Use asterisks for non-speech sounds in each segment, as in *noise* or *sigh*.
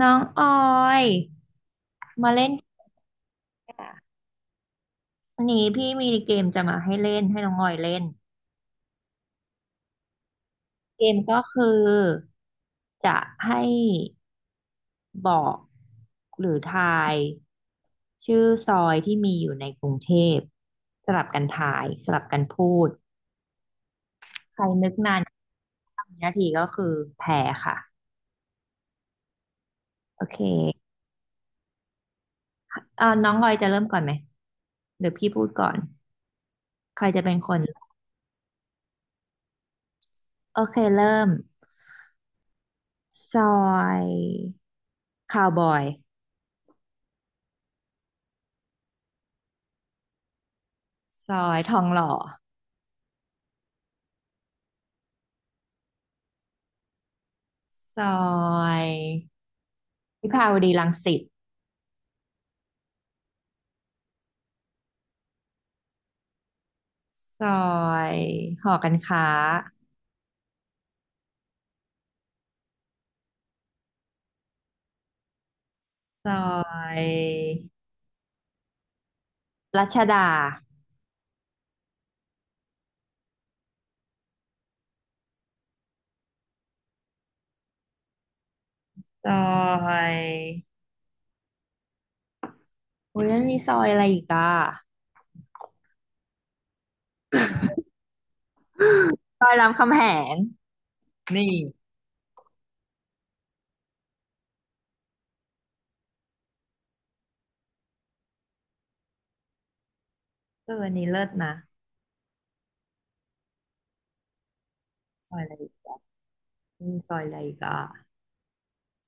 น้องออยมาเล่นเกมค่ะวันนี้พี่มีเกมจะมาให้เล่นให้น้องออยเล่นเกมก็คือจะให้บอกหรือทายชื่อซอยที่มีอยู่ในกรุงเทพสลับกันทายสลับกันพูดใครนึกนานสามนาทีก็คือแพ้ค่ะโอเคน้องออยจะเริ่มก่อนไหมหรือพี่พูดก่อนใครจะเป็นคนโอเคเริ่ม ซอยคาวบอยซอยทองหล่อซอยวิภาวดีรังสิตซอยหอการค้าซอยรัชดาซอยโอ้ยมันมีซอยอะไรอีกอ่ะ ซอยรามคำแหงนี่เอออันนี้เลิศนะซอยอะไรอีกมีซอยอะไรอีกอ่ะ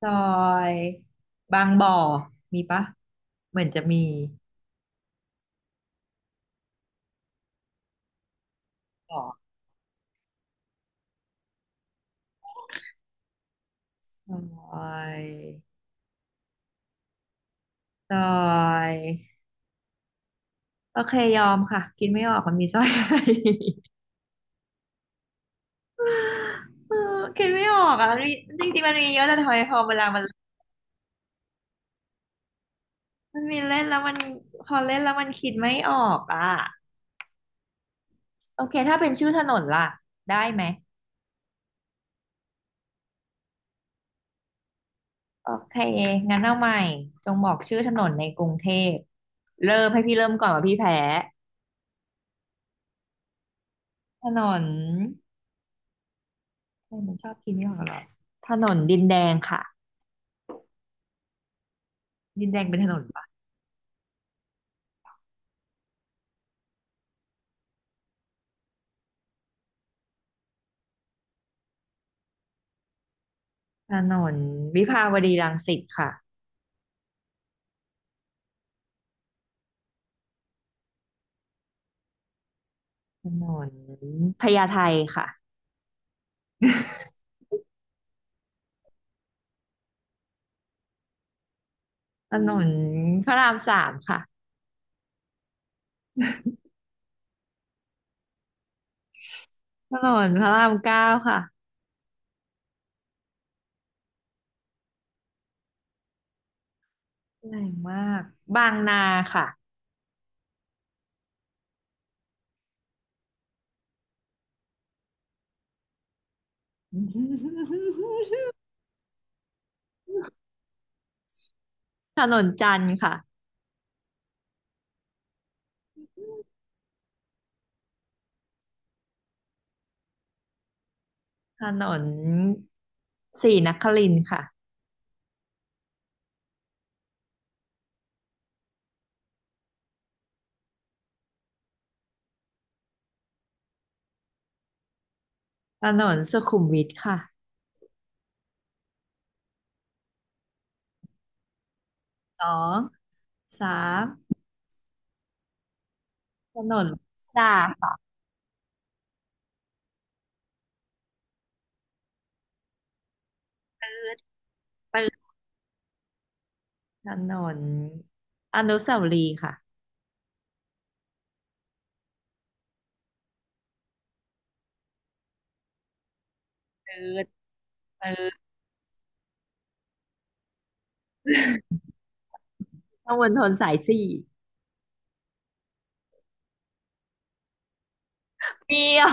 ซอยบางบ่อมีปะ เหมือนจะมีบ่อซอย ซอยโอเคยอมค่ะกินไม่ออกมันมีซอย *laughs* อะไร *laughs* เออกิดไม่ออกอ่ะมันมีจริงๆมันมีเยอะแต่ทำไมพอเวลามันมีเล่นแล้วมันพอเล่นแล้วมันคิดไม่ออกอ่ะโอเคถ้าเป็นชื่อถนนล่ะได้ไหมโอเคงั้นเอาใหม่จงบอกชื่อถนนในกรุงเทพเริ่มให้พี่เริ่มก่อนว่าพี่แพ้ถนนเออมันชอบคิดไม่ออกหรอถนนดินแดงค่ะดินแดงเป็นถนนปะถนนวิภาวดีรังสิตค่ะ ถนนพญาไทค่ะ *laughs* ถนนพระรามสามค่ะถนนพระรามเก้าค่ะแรงมาก บางนาค่ะ *laughs* ถนนจันทร์ค่ะถนนศรีนครินทร์ค่ะถนนสุขุมวิทค่ะสองสามถนนสามค่ะปืดปืดถนนอนุสาวรีย์ค่ะปืดปืดถนนมณฑลสายสี่มี *laughs* เหรอ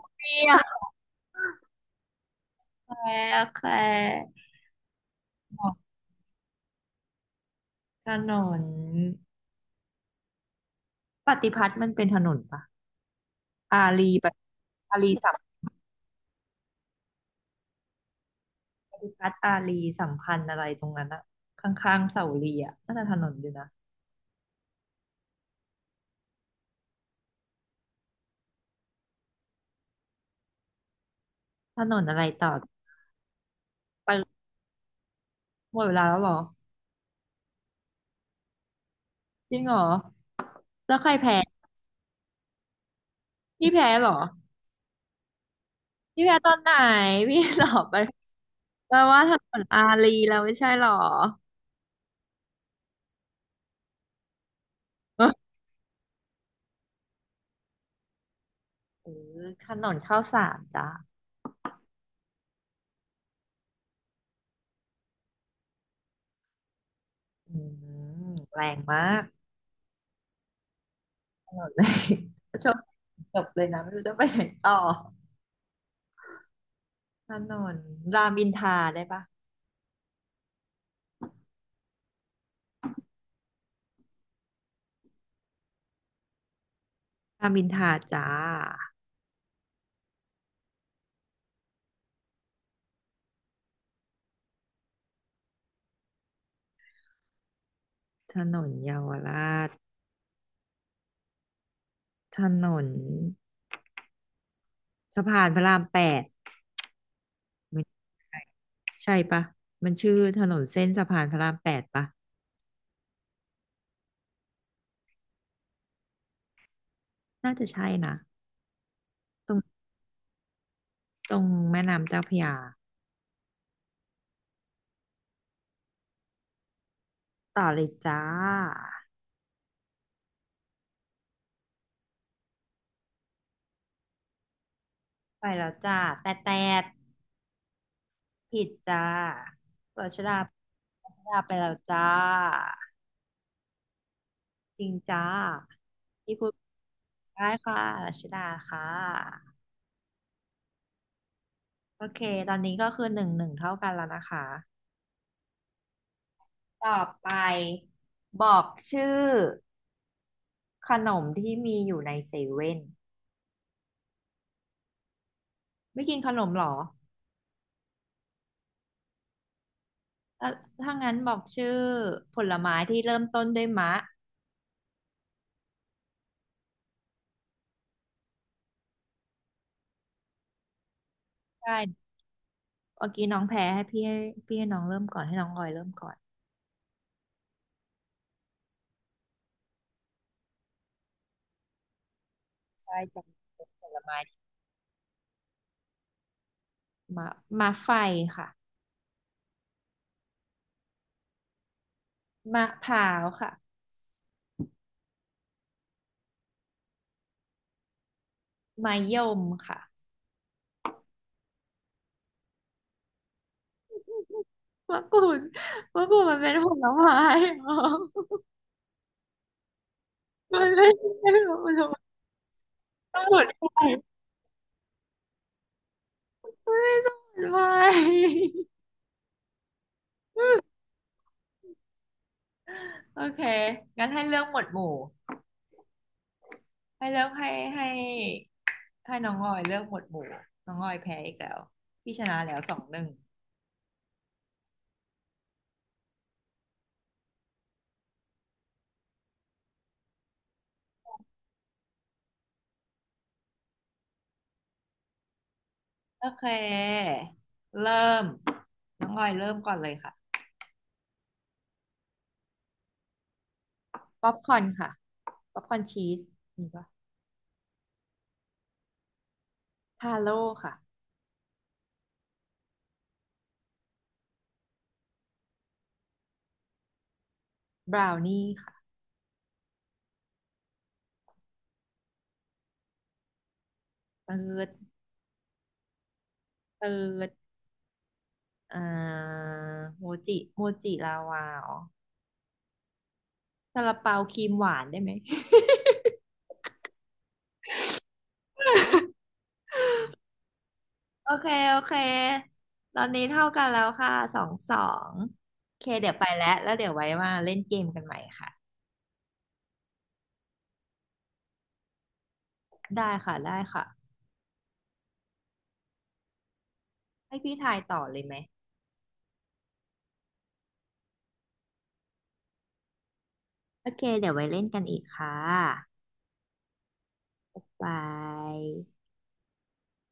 มี แคโอเควร์ถนนปฏิพัฒน์มันเป็นถนนปะอารีปะอารีสัมปฏิพัฒน์อารีสัมพันธ์อะไรตรงนั้นอะข้างๆเสาเรียอะน่าจะถนนอยู่นะถนนอะไรต่อไปหมดเวลาแล้วเหรอจริงเหรอแล้วใครแพ้พี่แพ้เหรอพี่แพ้ตอนไหนพี่หลอกไปแปลว่าถนนอารีแล้วไม่ใช่เหรอเออถนนข้าวสารจ้ะอืมแรงมาก หมดเลย *laughs* ช่จบเลยนะไม่รู้จะไปไหนต่อถนนรามอินทราได้ปะรามอินทราจ้าถนนเยาวราชถนนสะพานพระรามแปดไม่ใช่ใช่ปะมันชื่อถนนเส้นสะพานพระรามแปดปะน่าจะใช่นะตรงตรงแม่น้ำเจ้าพระยาต่อเลยจ้าไปแล้วจ้าแต่แต่ผิดจ้ารัชดารัชดาไปแล้วจ้าจริงจ้าที่พูด ได้ค่ะรัชดาค่ะ โอเค ตอนนี้ก็คือหนึ่งหนึ่งเท่ากันแล้วนะคะต่อไปบอกชื่อขนมที่มีอยู่ในเซเว่นไม่กินขนมเหรอเอ่อถ้างั้นบอกชื่อผลไม้ที่เริ่มต้นด้วยมะใช่เมื่อกี้น้องแพ้ให้พี่ให้พี่ให้น้องเริ่มก่อนให้น้องออยเริ่มก่อนใช่จะเป็นผลไม้มะมะไฟค่ะมะพร้าวค่ะมะยมค่ะมะกรูดมะกรูดมันเป็นผลไม้เหรอ มันไม่ใช่ของมันไม่โอเคงั้นให้เลือกหมวดหมู่ ให้เลือกให้ให้ให้น้องออยเลือกหมวดหมู่ น้องออยแพ้อีกแล้ว พี่ชนะแล้วสองหนึ่งโอเค เริ่ม น้องออยเริ่มก่อนเลยค่ะป๊อปคอร์นค่ะป๊อปคอร์นชีสมีปะทาโร่ค่ะบราวนี่ค่ะเติร์ดเติร์ดอ่าโมจิโมจิลาวาอ๋อซาลาเปาครีมหวานได้ไหม โอเคโอเค ตอนนี้เท่ากันแล้วค่ะสองสองโอเคเดี๋ยวไปแล้วแล้วเดี๋ยวไว้มาเล่นเกมกันใหม่ค่ะ ได้ค่ะ ได้ค่ะ ให้พี่ทายต่อเลยไหม โอเคเดี๋ยวไว้เล่นกันอีกค่ะบาย